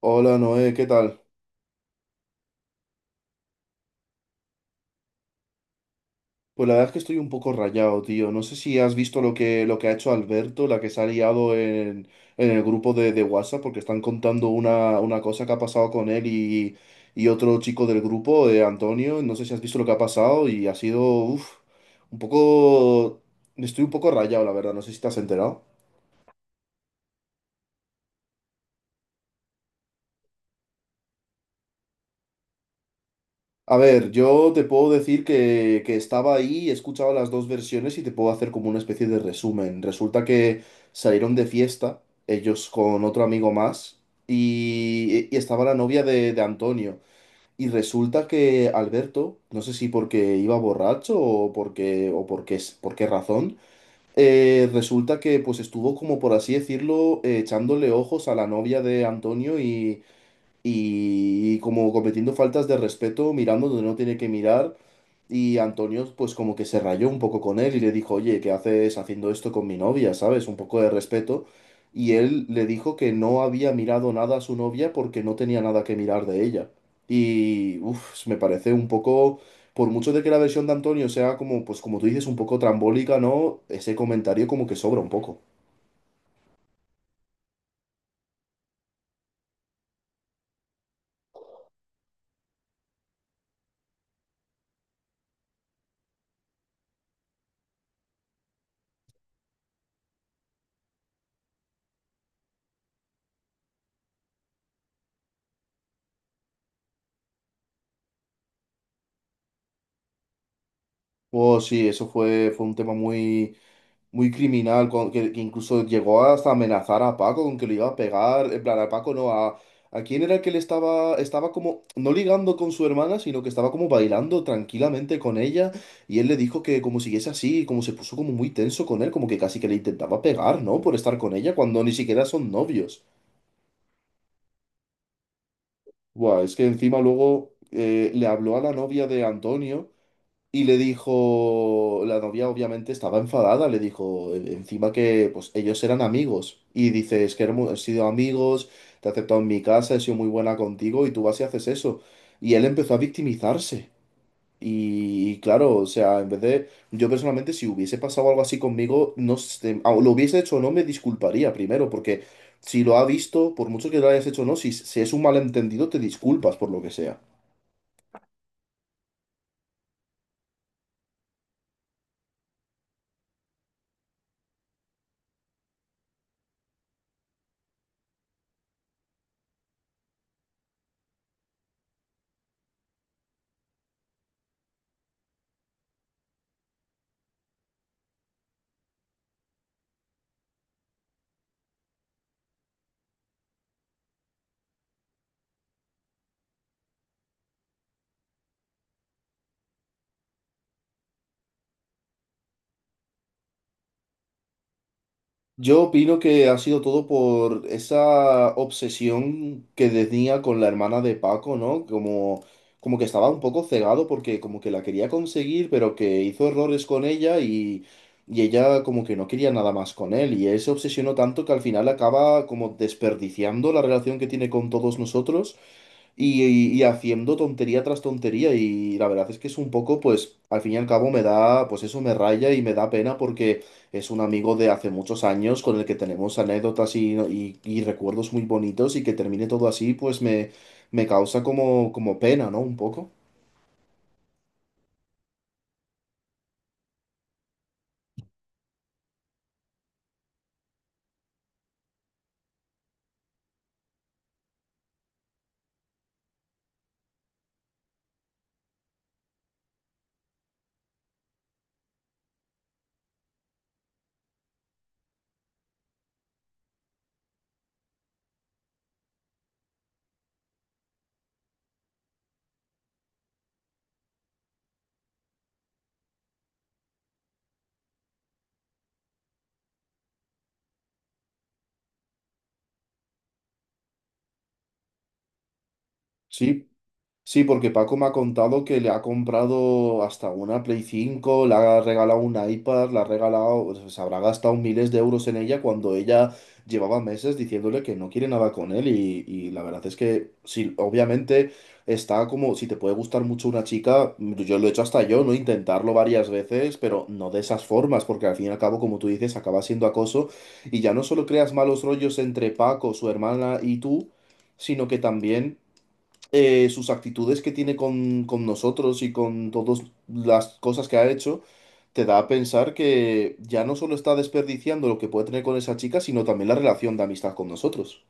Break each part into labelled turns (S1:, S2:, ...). S1: Hola Noé, ¿qué tal? Pues la verdad es que estoy un poco rayado, tío. No sé si has visto lo que ha hecho Alberto, la que se ha liado en el grupo de WhatsApp, porque están contando una cosa que ha pasado con él y otro chico del grupo, Antonio. No sé si has visto lo que ha pasado y ha sido, un poco... Estoy un poco rayado, la verdad. No sé si te has enterado. A ver, yo te puedo decir que estaba ahí, he escuchado las dos versiones y te puedo hacer como una especie de resumen. Resulta que salieron de fiesta, ellos con otro amigo más, y estaba la novia de Antonio. Y resulta que Alberto, no sé si porque iba borracho o porque, por qué razón, resulta que pues estuvo como por así decirlo, echándole ojos a la novia de Antonio y como cometiendo faltas de respeto, mirando donde no tiene que mirar. Y Antonio, pues como que se rayó un poco con él y le dijo, oye, ¿qué haces haciendo esto con mi novia? ¿Sabes? Un poco de respeto. Y él le dijo que no había mirado nada a su novia porque no tenía nada que mirar de ella. Y, me parece un poco, por mucho de que la versión de Antonio sea como, pues como tú dices, un poco trambólica, ¿no? Ese comentario como que sobra un poco. Oh, sí, eso fue, fue un tema muy muy criminal, que incluso llegó hasta amenazar a Paco con que lo iba a pegar, en plan, a Paco no, a quién era el que le estaba, estaba como, no ligando con su hermana, sino que estaba como bailando tranquilamente con ella, y él le dijo que como siguiese así, como se puso como muy tenso con él, como que casi que le intentaba pegar, ¿no? Por estar con ella cuando ni siquiera son novios. Buah, es que encima luego le habló a la novia de Antonio. Y le dijo, la novia obviamente estaba enfadada, le dijo encima que pues ellos eran amigos. Y dice, es que hemos sido amigos, te he aceptado en mi casa, he sido muy buena contigo y tú vas y haces eso. Y él empezó a victimizarse. Y claro, o sea, en vez de, yo personalmente si hubiese pasado algo así conmigo, no sé, lo hubiese hecho o no, me disculparía primero, porque si lo ha visto, por mucho que lo hayas hecho o no, si, si es un malentendido, te disculpas por lo que sea. Yo opino que ha sido todo por esa obsesión que tenía con la hermana de Paco, ¿no? Como, como que estaba un poco cegado porque como que la quería conseguir, pero que hizo errores con ella y ella como que no quería nada más con él. Y él se obsesionó tanto que al final acaba como desperdiciando la relación que tiene con todos nosotros. Y, y haciendo tontería tras tontería y la verdad es que es un poco, pues al fin y al cabo me da, pues eso me raya y me da pena porque es un amigo de hace muchos años con el que tenemos anécdotas y, y recuerdos muy bonitos y que termine todo así, pues me causa como, como pena, ¿no? Un poco. Sí. Sí, porque Paco me ha contado que le ha comprado hasta una Play 5, le ha regalado un iPad, le ha regalado, o sea, se habrá gastado miles de euros en ella cuando ella llevaba meses diciéndole que no quiere nada con él y la verdad es que sí, obviamente está como, si te puede gustar mucho una chica, yo lo he hecho hasta yo, ¿no? Intentarlo varias veces, pero no de esas formas, porque al fin y al cabo, como tú dices, acaba siendo acoso y ya no solo creas malos rollos entre Paco, su hermana y tú, sino que también sus actitudes que tiene con nosotros y con todas las cosas que ha hecho, te da a pensar que ya no solo está desperdiciando lo que puede tener con esa chica, sino también la relación de amistad con nosotros.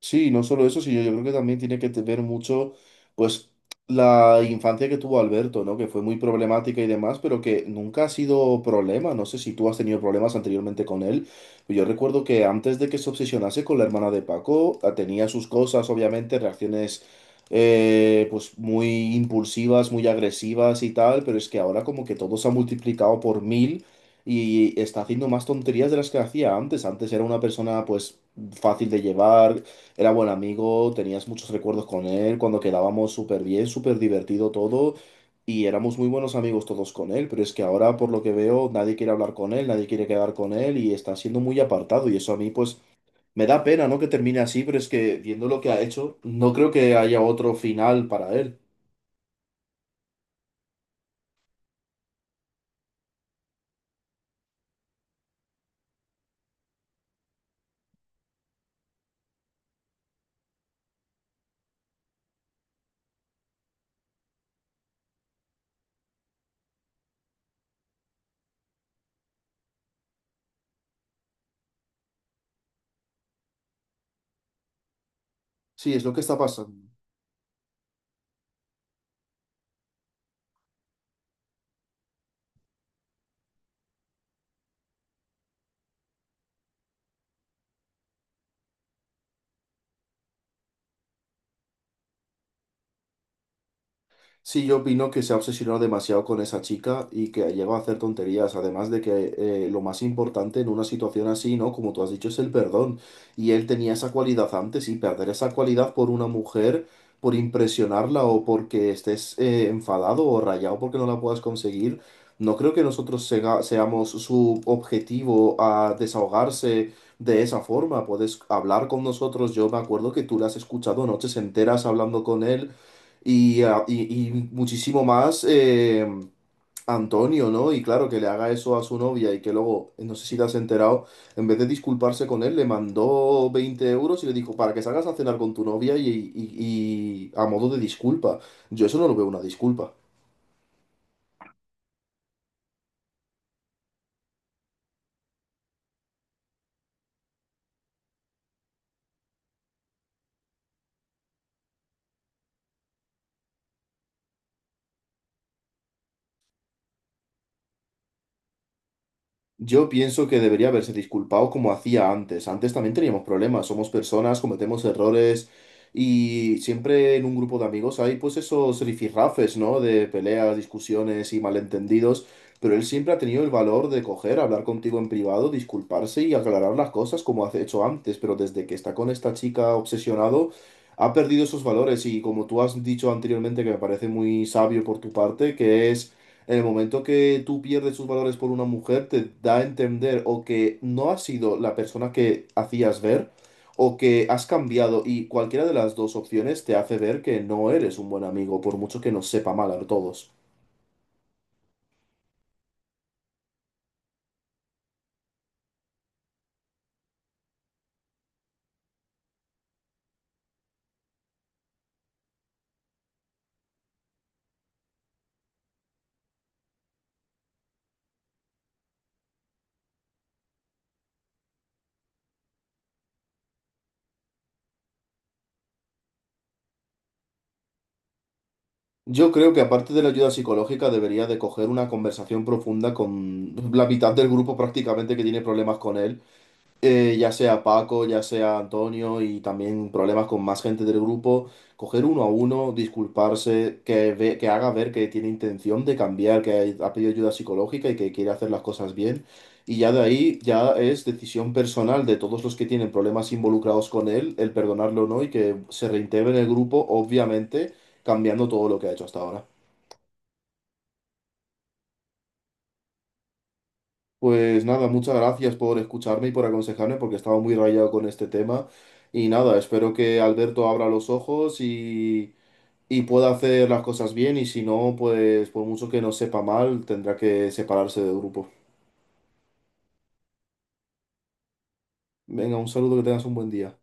S1: Sí, y no solo eso, sino yo creo que también tiene que ver mucho, pues, la infancia que tuvo Alberto, ¿no? Que fue muy problemática y demás, pero que nunca ha sido problema. No sé si tú has tenido problemas anteriormente con él. Yo recuerdo que antes de que se obsesionase con la hermana de Paco, tenía sus cosas, obviamente, reacciones, pues, muy impulsivas, muy agresivas y tal, pero es que ahora como que todo se ha multiplicado por 1.000 y está haciendo más tonterías de las que hacía antes. Antes era una persona, pues, fácil de llevar era buen amigo, tenías muchos recuerdos con él, cuando quedábamos súper bien, súper divertido todo, y éramos muy buenos amigos todos con él, pero es que ahora, por lo que veo, nadie quiere hablar con él, nadie quiere quedar con él, y está siendo muy apartado, y eso a mí, pues, me da pena, ¿no? Que termine así, pero es que, viendo lo que ha hecho, no creo que haya otro final para él. Sí, es lo que está pasando. Sí, yo opino que se ha obsesionado demasiado con esa chica y que ha a hacer tonterías. Además de que lo más importante en una situación así, ¿no? Como tú has dicho, es el perdón. Y él tenía esa cualidad antes y perder esa cualidad por una mujer, por impresionarla o porque estés enfadado o rayado porque no la puedas conseguir, no creo que nosotros seamos su objetivo a desahogarse. De esa forma, puedes hablar con nosotros. Yo me acuerdo que tú la has escuchado noches enteras hablando con él y, y muchísimo más Antonio, ¿no? Y claro, que le haga eso a su novia y que luego, no sé si te has enterado, en vez de disculparse con él, le mandó 20 euros y le dijo, para que salgas a cenar con tu novia y a modo de disculpa. Yo eso no lo veo una disculpa. Yo pienso que debería haberse disculpado como hacía antes. Antes también teníamos problemas, somos personas, cometemos errores y siempre en un grupo de amigos hay pues esos rifirrafes, ¿no? De peleas, discusiones y malentendidos, pero él siempre ha tenido el valor de coger, hablar contigo en privado, disculparse y aclarar las cosas como ha hecho antes, pero desde que está con esta chica obsesionado, ha perdido esos valores y como tú has dicho anteriormente, que me parece muy sabio por tu parte, que es en el momento que tú pierdes tus valores por una mujer, te da a entender o que no has sido la persona que hacías ver o que has cambiado y cualquiera de las dos opciones te hace ver que no eres un buen amigo, por mucho que nos sepa mal a todos. Yo creo que aparte de la ayuda psicológica debería de coger una conversación profunda con la mitad del grupo prácticamente que tiene problemas con él ya sea Paco, ya sea Antonio y también problemas con más gente del grupo, coger uno a uno, disculparse, que, que haga ver que tiene intención de cambiar, que ha pedido ayuda psicológica y que quiere hacer las cosas bien. Y ya de ahí ya es decisión personal de todos los que tienen problemas involucrados con él, el perdonarlo o no y que se reintegre en el grupo, obviamente cambiando todo lo que ha hecho hasta ahora. Pues nada, muchas gracias por escucharme y por aconsejarme porque estaba muy rayado con este tema. Y nada, espero que Alberto abra los ojos y pueda hacer las cosas bien y si no, pues por mucho que no sepa mal, tendrá que separarse del grupo. Venga, un saludo, que tengas un buen día.